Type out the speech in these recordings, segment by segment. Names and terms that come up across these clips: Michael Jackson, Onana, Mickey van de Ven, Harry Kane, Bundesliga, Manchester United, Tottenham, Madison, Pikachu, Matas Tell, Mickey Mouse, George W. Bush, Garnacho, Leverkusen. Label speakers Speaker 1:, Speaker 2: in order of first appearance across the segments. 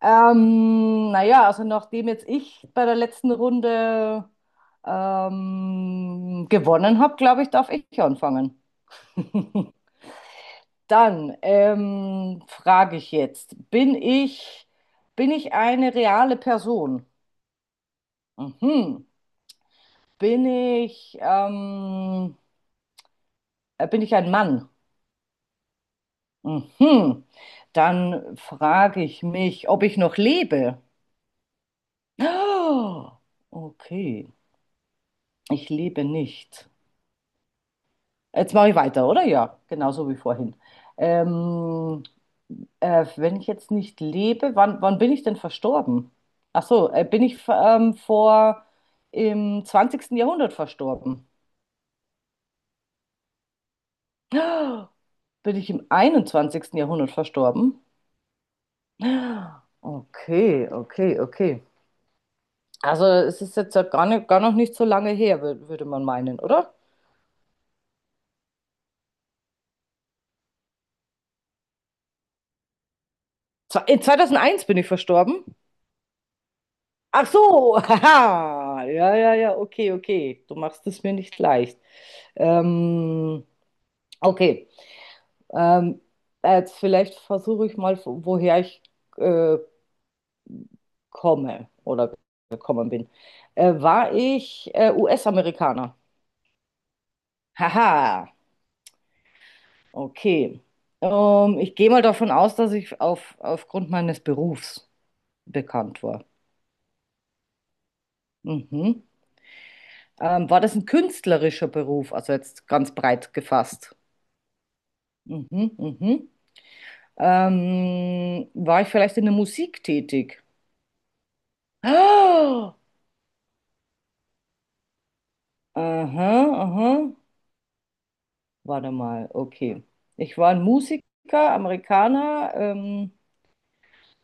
Speaker 1: Naja, also nachdem jetzt ich bei der letzten Runde gewonnen habe, glaube ich, darf ich anfangen. Dann frage ich jetzt, bin ich eine reale Person? Mhm. Bin ich, ähm, Bin ich ein Mann? Mhm. Dann frage ich mich, ob ich noch lebe. Oh, okay, ich lebe nicht. Jetzt mache ich weiter, oder? Ja, genauso wie vorhin. Ähm, Wenn ich jetzt nicht lebe, wann bin ich denn verstorben? Ach so, bin ich vor im 20. Jahrhundert verstorben? Bin ich im 21. Jahrhundert verstorben? Okay, okay, okay. Also es ist jetzt ja gar noch nicht so lange her, würde man meinen, oder? In 2001 bin ich verstorben. Ach so, haha. Ja, ja, ja, okay, okay. Du machst es mir nicht leicht. Ähm, okay. Ähm, Jetzt vielleicht versuche ich mal, woher ich äh, komme oder gekommen bin. War ich US-Amerikaner? Haha, okay. Ich gehe mal davon aus, dass ich aufgrund meines Berufs bekannt war. Mhm. War das ein künstlerischer Beruf, also jetzt ganz breit gefasst? Mhm, mhm. War ich vielleicht in der Musik tätig? Ah, aha, aha. Warte mal, okay. Ich war ein Musiker, Amerikaner,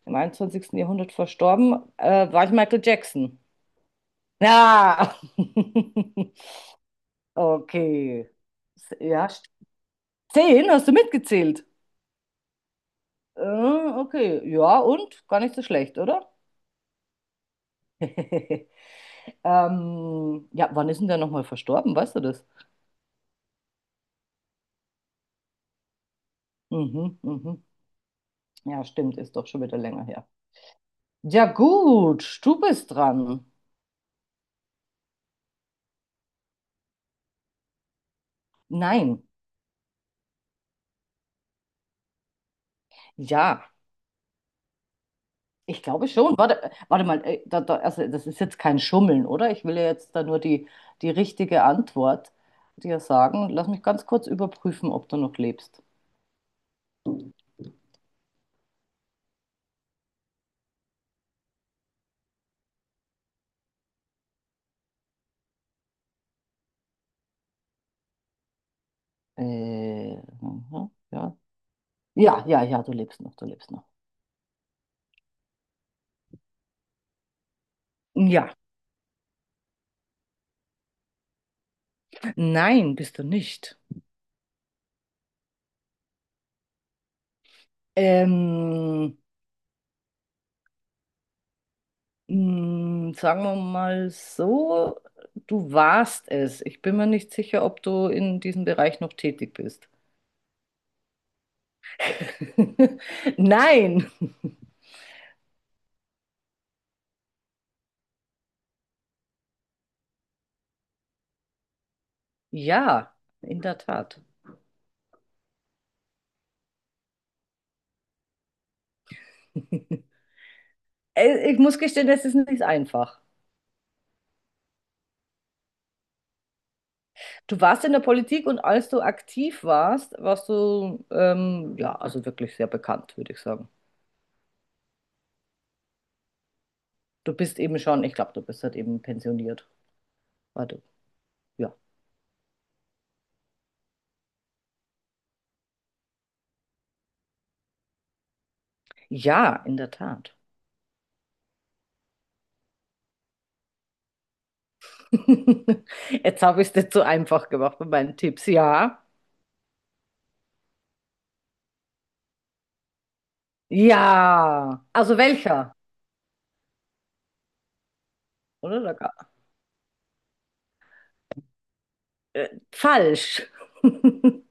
Speaker 1: im 21. Jahrhundert verstorben. War ich Michael Jackson? Ja. Okay. Ja, 10, hast du mitgezählt? Okay, ja, und? Gar nicht so schlecht, oder? Ja, wann ist denn der nochmal verstorben? Weißt du das? Mhm, mhm. Ja, stimmt, ist doch schon wieder länger her. Ja, gut, du bist dran. Nein, ja, ich glaube schon. Warte mal, da, also das ist jetzt kein Schummeln, oder? Ich will ja jetzt da nur die richtige Antwort dir sagen. Lass mich ganz kurz überprüfen, ob du noch lebst. Äh, aha, ja. Ja, ja, ja, du lebst noch, du lebst noch. Ja, nein, bist du nicht. Ähm. Sagen wir mal so, du warst es. Ich bin mir nicht sicher, ob du in diesem Bereich noch tätig bist. Nein. Ja, in der Tat. Ich muss gestehen, das ist nicht einfach. Du warst in der Politik und als du aktiv warst, warst du, ja, also wirklich sehr bekannt, würde ich sagen. Du bist eben schon, ich glaube, du bist halt eben pensioniert. Warte, ja. Ja, in der Tat. Jetzt habe ich es dir zu einfach gemacht mit meinen Tipps. Ja. Ja. Also welcher? Oder? Falsch.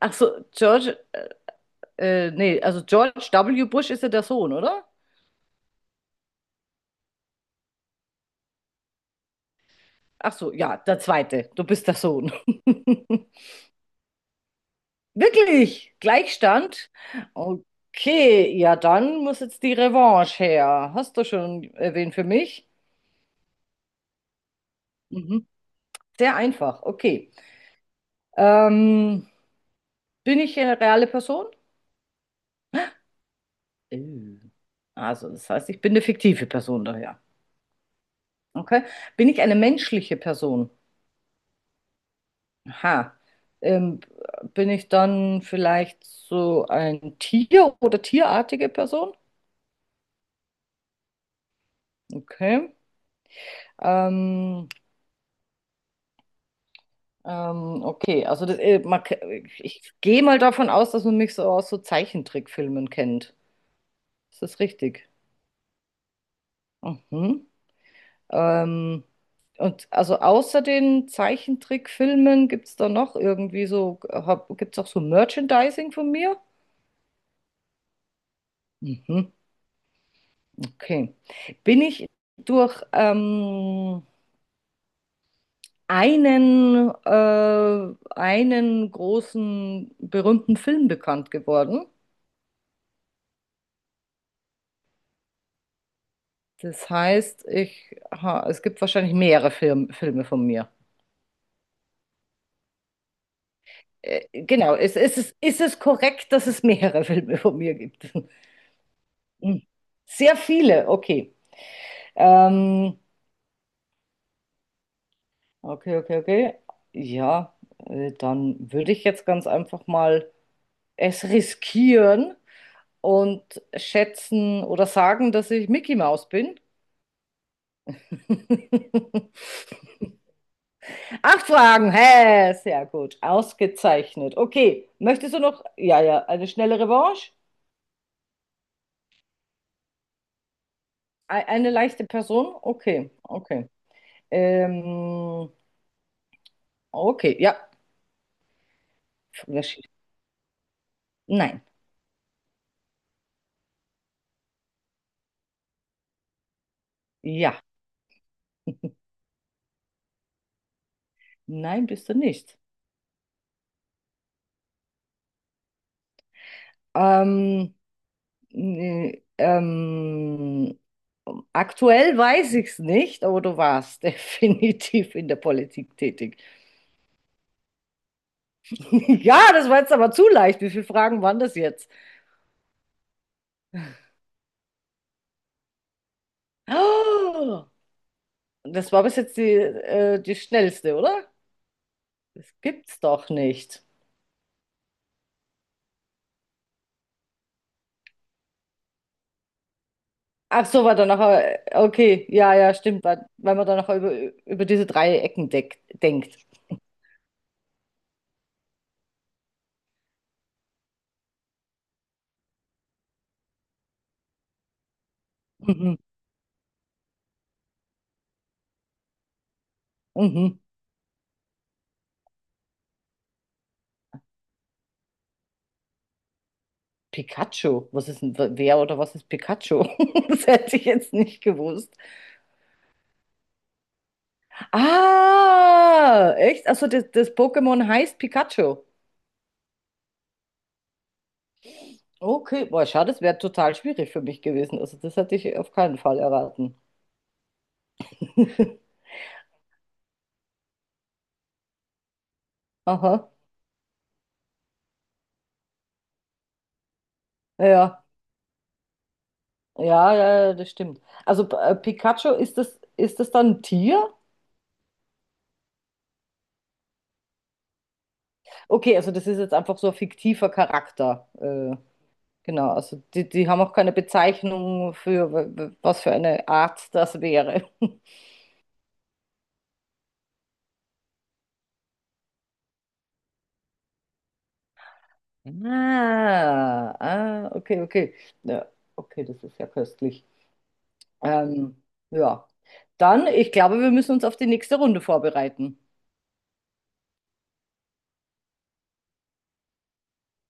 Speaker 1: Ach so, nee, also George W. Bush ist ja der Sohn, oder? Ach so, ja, der zweite. Du bist der Sohn. Wirklich? Gleichstand? Okay, ja, dann muss jetzt die Revanche her. Hast du schon erwähnt für mich? Mhm. Sehr einfach, okay. Ähm, Bin ich eine reale Person? Äh. Also, das heißt, ich bin eine fiktive Person daher. Okay. Bin ich eine menschliche Person? Aha. Ähm, Bin ich dann vielleicht so ein Tier oder tierartige Person? Okay. Ähm, okay, also ich gehe mal davon aus, dass man mich so aus so Zeichentrickfilmen kennt. Ist das richtig? Mhm. Ähm, und also außer den Zeichentrickfilmen gibt es auch so Merchandising von mir? Mhm, okay. Bin ich durch einen großen berühmten Film bekannt geworden? Das heißt, es gibt wahrscheinlich mehrere Filme von mir. Genau, ist es korrekt, dass es mehrere Filme von mir gibt? Hm. Sehr viele, okay. Ähm, okay, okay, okay. Ja, dann würde ich jetzt ganz einfach mal es riskieren und schätzen oder sagen, dass ich Mickey Mouse bin. Acht Fragen, hä, sehr gut, ausgezeichnet. Okay, möchtest du noch, ja, ja, eine schnelle Revanche? Eine leichte Person? Okay, okay. Ähm, okay, ja. Wer schießt? Nein, ja, nein, bist du nicht. Ähm, Nee, aktuell weiß ich es nicht, aber du warst definitiv in der Politik tätig. Ja, das war jetzt aber zu leicht. Wie viele Fragen waren das jetzt? Oh, das war bis jetzt die schnellste, oder? Das gibt's doch nicht. Ach so, okay, ja, ja, stimmt, weil man da noch über diese drei Ecken denkt. Mhm, mhm. Pikachu, wer oder was ist Pikachu? Das hätte ich jetzt nicht gewusst. Ah, echt? Also das Pokémon heißt Pikachu. Okay, boah, schade, das wäre total schwierig für mich gewesen. Also das hätte ich auf keinen Fall erraten. Aha, ja, ja, ja, ja, das stimmt. Also Pikachu, ist das dann ein Tier? Okay, also das ist jetzt einfach so ein fiktiver Charakter. Genau, also die haben auch keine Bezeichnung für was für eine Art das wäre. Ah, ah, okay, okay. Ja, okay, das ist ja köstlich. Ähm, ja, dann, ich glaube, wir müssen uns auf die nächste Runde vorbereiten.